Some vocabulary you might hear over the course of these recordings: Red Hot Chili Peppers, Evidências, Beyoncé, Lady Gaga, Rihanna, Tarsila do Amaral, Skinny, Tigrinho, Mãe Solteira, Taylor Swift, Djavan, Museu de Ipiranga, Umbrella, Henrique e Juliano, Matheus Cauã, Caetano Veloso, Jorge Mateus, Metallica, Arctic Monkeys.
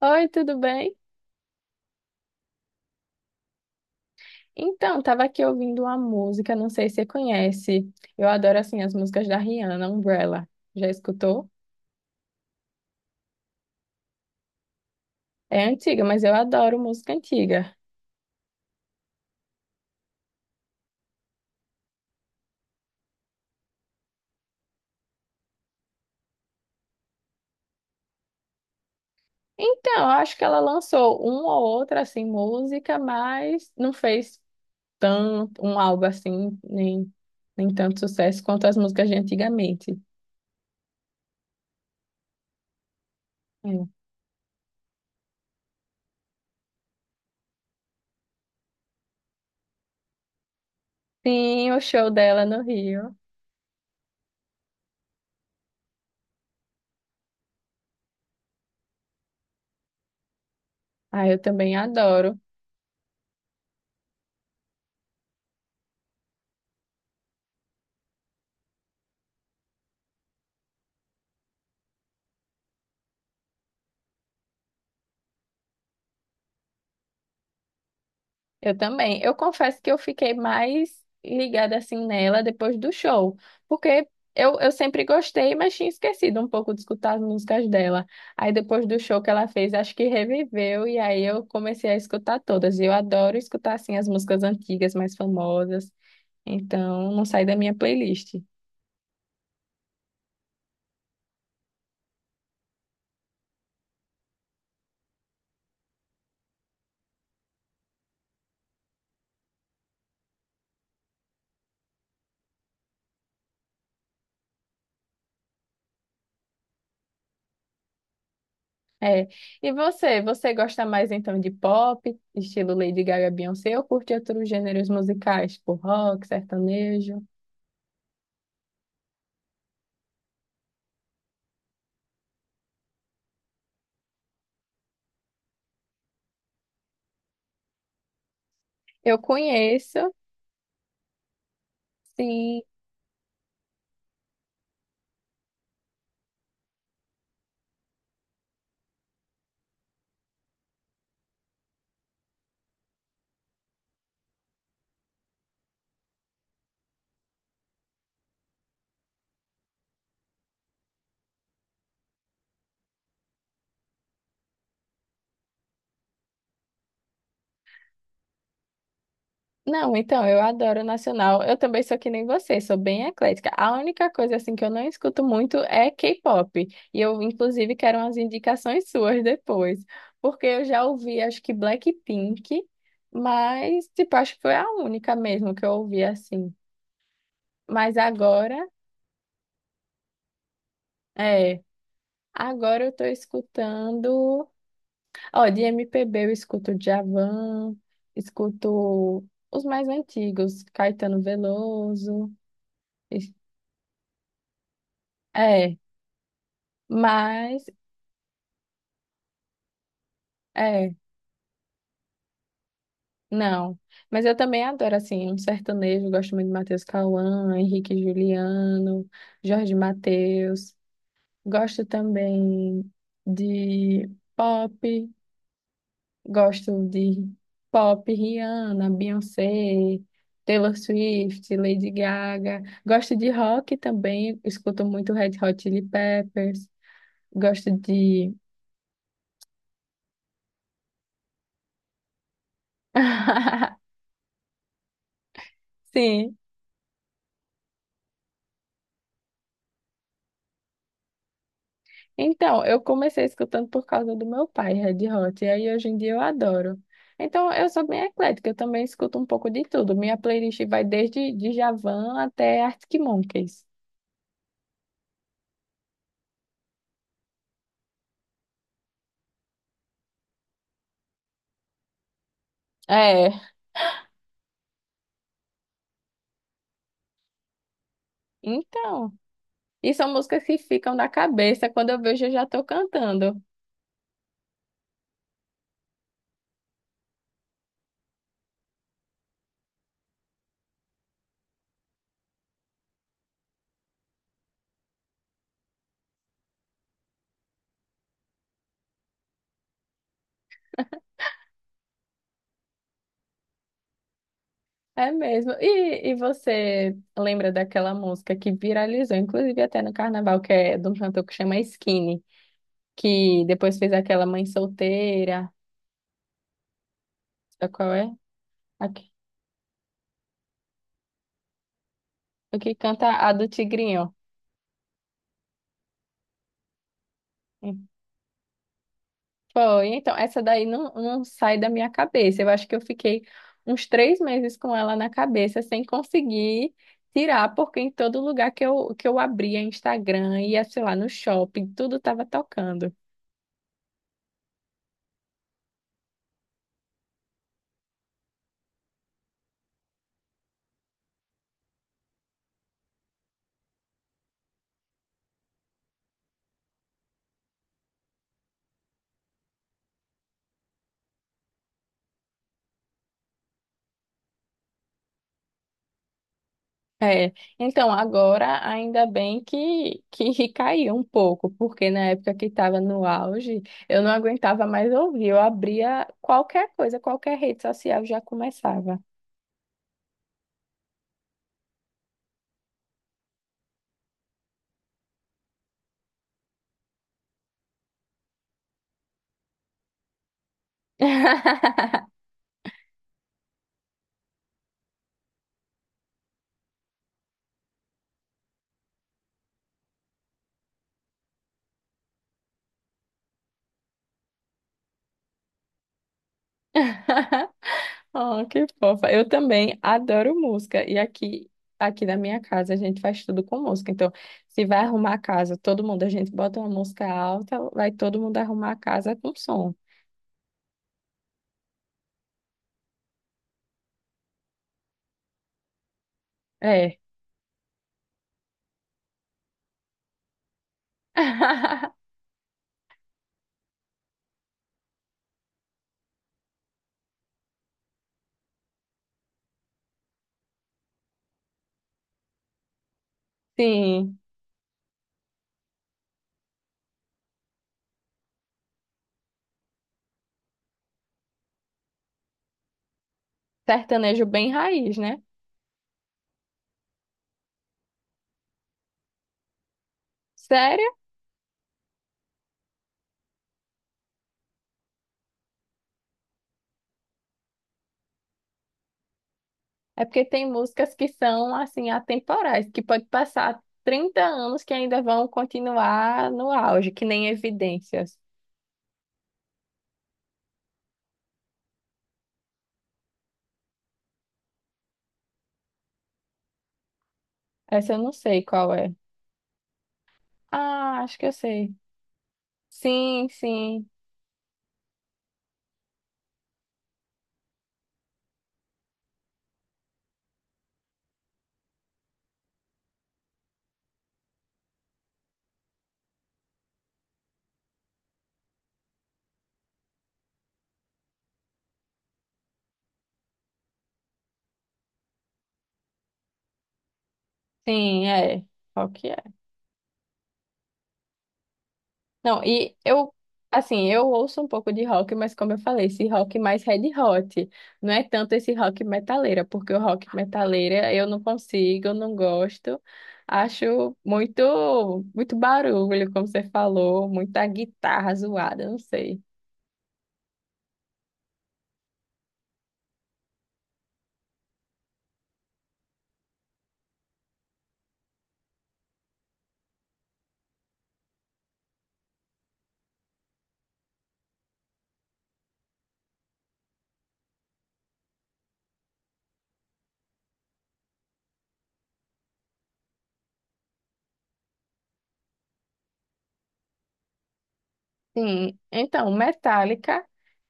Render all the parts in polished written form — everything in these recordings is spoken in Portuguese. Oi, tudo bem? Então, tava aqui ouvindo uma música, não sei se você conhece. Eu adoro assim as músicas da Rihanna, Umbrella. Já escutou? É antiga, mas eu adoro música antiga. Então, eu acho que ela lançou uma ou outra assim música, mas não fez tanto um álbum assim, nem tanto sucesso quanto as músicas de antigamente. É. Sim, o show dela no Rio. Ah, eu também adoro. Eu também. Eu confesso que eu fiquei mais ligada assim nela depois do show, porque eu sempre gostei, mas tinha esquecido um pouco de escutar as músicas dela. Aí depois do show que ela fez, acho que reviveu e aí eu comecei a escutar todas. E eu adoro escutar assim as músicas antigas, mais famosas. Então, não sai da minha playlist. É. E você, você gosta mais então de pop, estilo Lady Gaga, Beyoncé, ou curte outros gêneros musicais, tipo rock, sertanejo? Eu conheço, sim. Não, então, eu adoro nacional. Eu também sou que nem você, sou bem eclética. A única coisa assim que eu não escuto muito é K-pop. E eu inclusive quero umas indicações suas depois, porque eu já ouvi acho que Blackpink, mas tipo, acho que foi a única mesmo que eu ouvi assim. Mas agora, é, agora eu tô escutando, ó, de MPB eu escuto Djavan, escuto os mais antigos, Caetano Veloso, é, mas é, não. Mas eu também adoro assim um sertanejo, gosto muito de Matheus Cauã, Henrique e Juliano, Jorge Mateus. Gosto também de pop, gosto de pop, Rihanna, Beyoncé, Taylor Swift, Lady Gaga. Gosto de rock também, escuto muito Red Hot Chili Peppers. Gosto de sim. Então, eu comecei escutando por causa do meu pai, Red Hot, e aí hoje em dia eu adoro. Então, eu sou bem eclética, eu também escuto um pouco de tudo. Minha playlist vai desde Djavan até Arctic Monkeys. É, então. E são músicas que ficam na cabeça, quando eu vejo eu já tô cantando. É mesmo. E você lembra daquela música que viralizou, inclusive até no carnaval, que é de um cantor que chama Skinny, que depois fez aquela Mãe Solteira, sabe qual é? O que canta a do Tigrinho. Foi, então, essa daí não sai da minha cabeça. Eu acho que eu fiquei uns 3 meses com ela na cabeça, sem conseguir tirar, porque em todo lugar que eu abria Instagram, ia, sei lá, no shopping, tudo tava tocando. É, então agora ainda bem que caiu um pouco, porque na época que estava no auge, eu não aguentava mais ouvir, eu abria qualquer coisa, qualquer rede social já começava. Oh, que fofa. Eu também adoro música. E aqui na minha casa a gente faz tudo com música. Então, se vai arrumar a casa, todo mundo, a gente bota uma música alta, vai todo mundo arrumar a casa com som. É. Sim, sertanejo bem raiz, né? Sério? É porque tem músicas que são assim atemporais, que pode passar 30 anos que ainda vão continuar no auge, que nem Evidências. Essa eu não sei qual é. Ah, acho que eu sei. Sim, sim, sim, é. Rock é. Não, e eu, assim, eu ouço um pouco de rock, mas como eu falei, esse rock mais Red Hot, não é tanto esse rock metaleira, porque o rock metaleira eu não consigo, eu não gosto. Acho muito, muito barulho, como você falou, muita guitarra zoada, não sei. Sim, então, Metallica.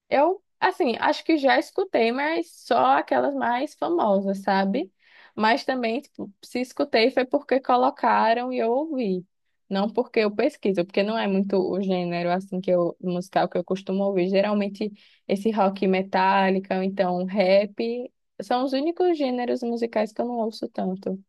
Eu, assim, acho que já escutei, mas só aquelas mais famosas, sabe? Mas também, tipo, se escutei foi porque colocaram e eu ouvi. Não porque eu pesquiso, porque não é muito o gênero, assim, que eu, musical que eu costumo ouvir. Geralmente, esse rock metálica, ou então rap, são os únicos gêneros musicais que eu não ouço tanto.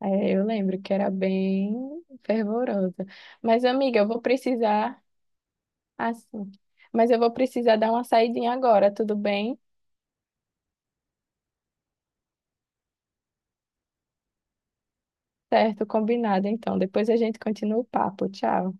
É, eu lembro que era bem fervorosa. Mas, amiga, eu vou precisar assim. Mas eu vou precisar dar uma saidinha agora, tudo bem? Certo, combinado então. Depois a gente continua o papo. Tchau.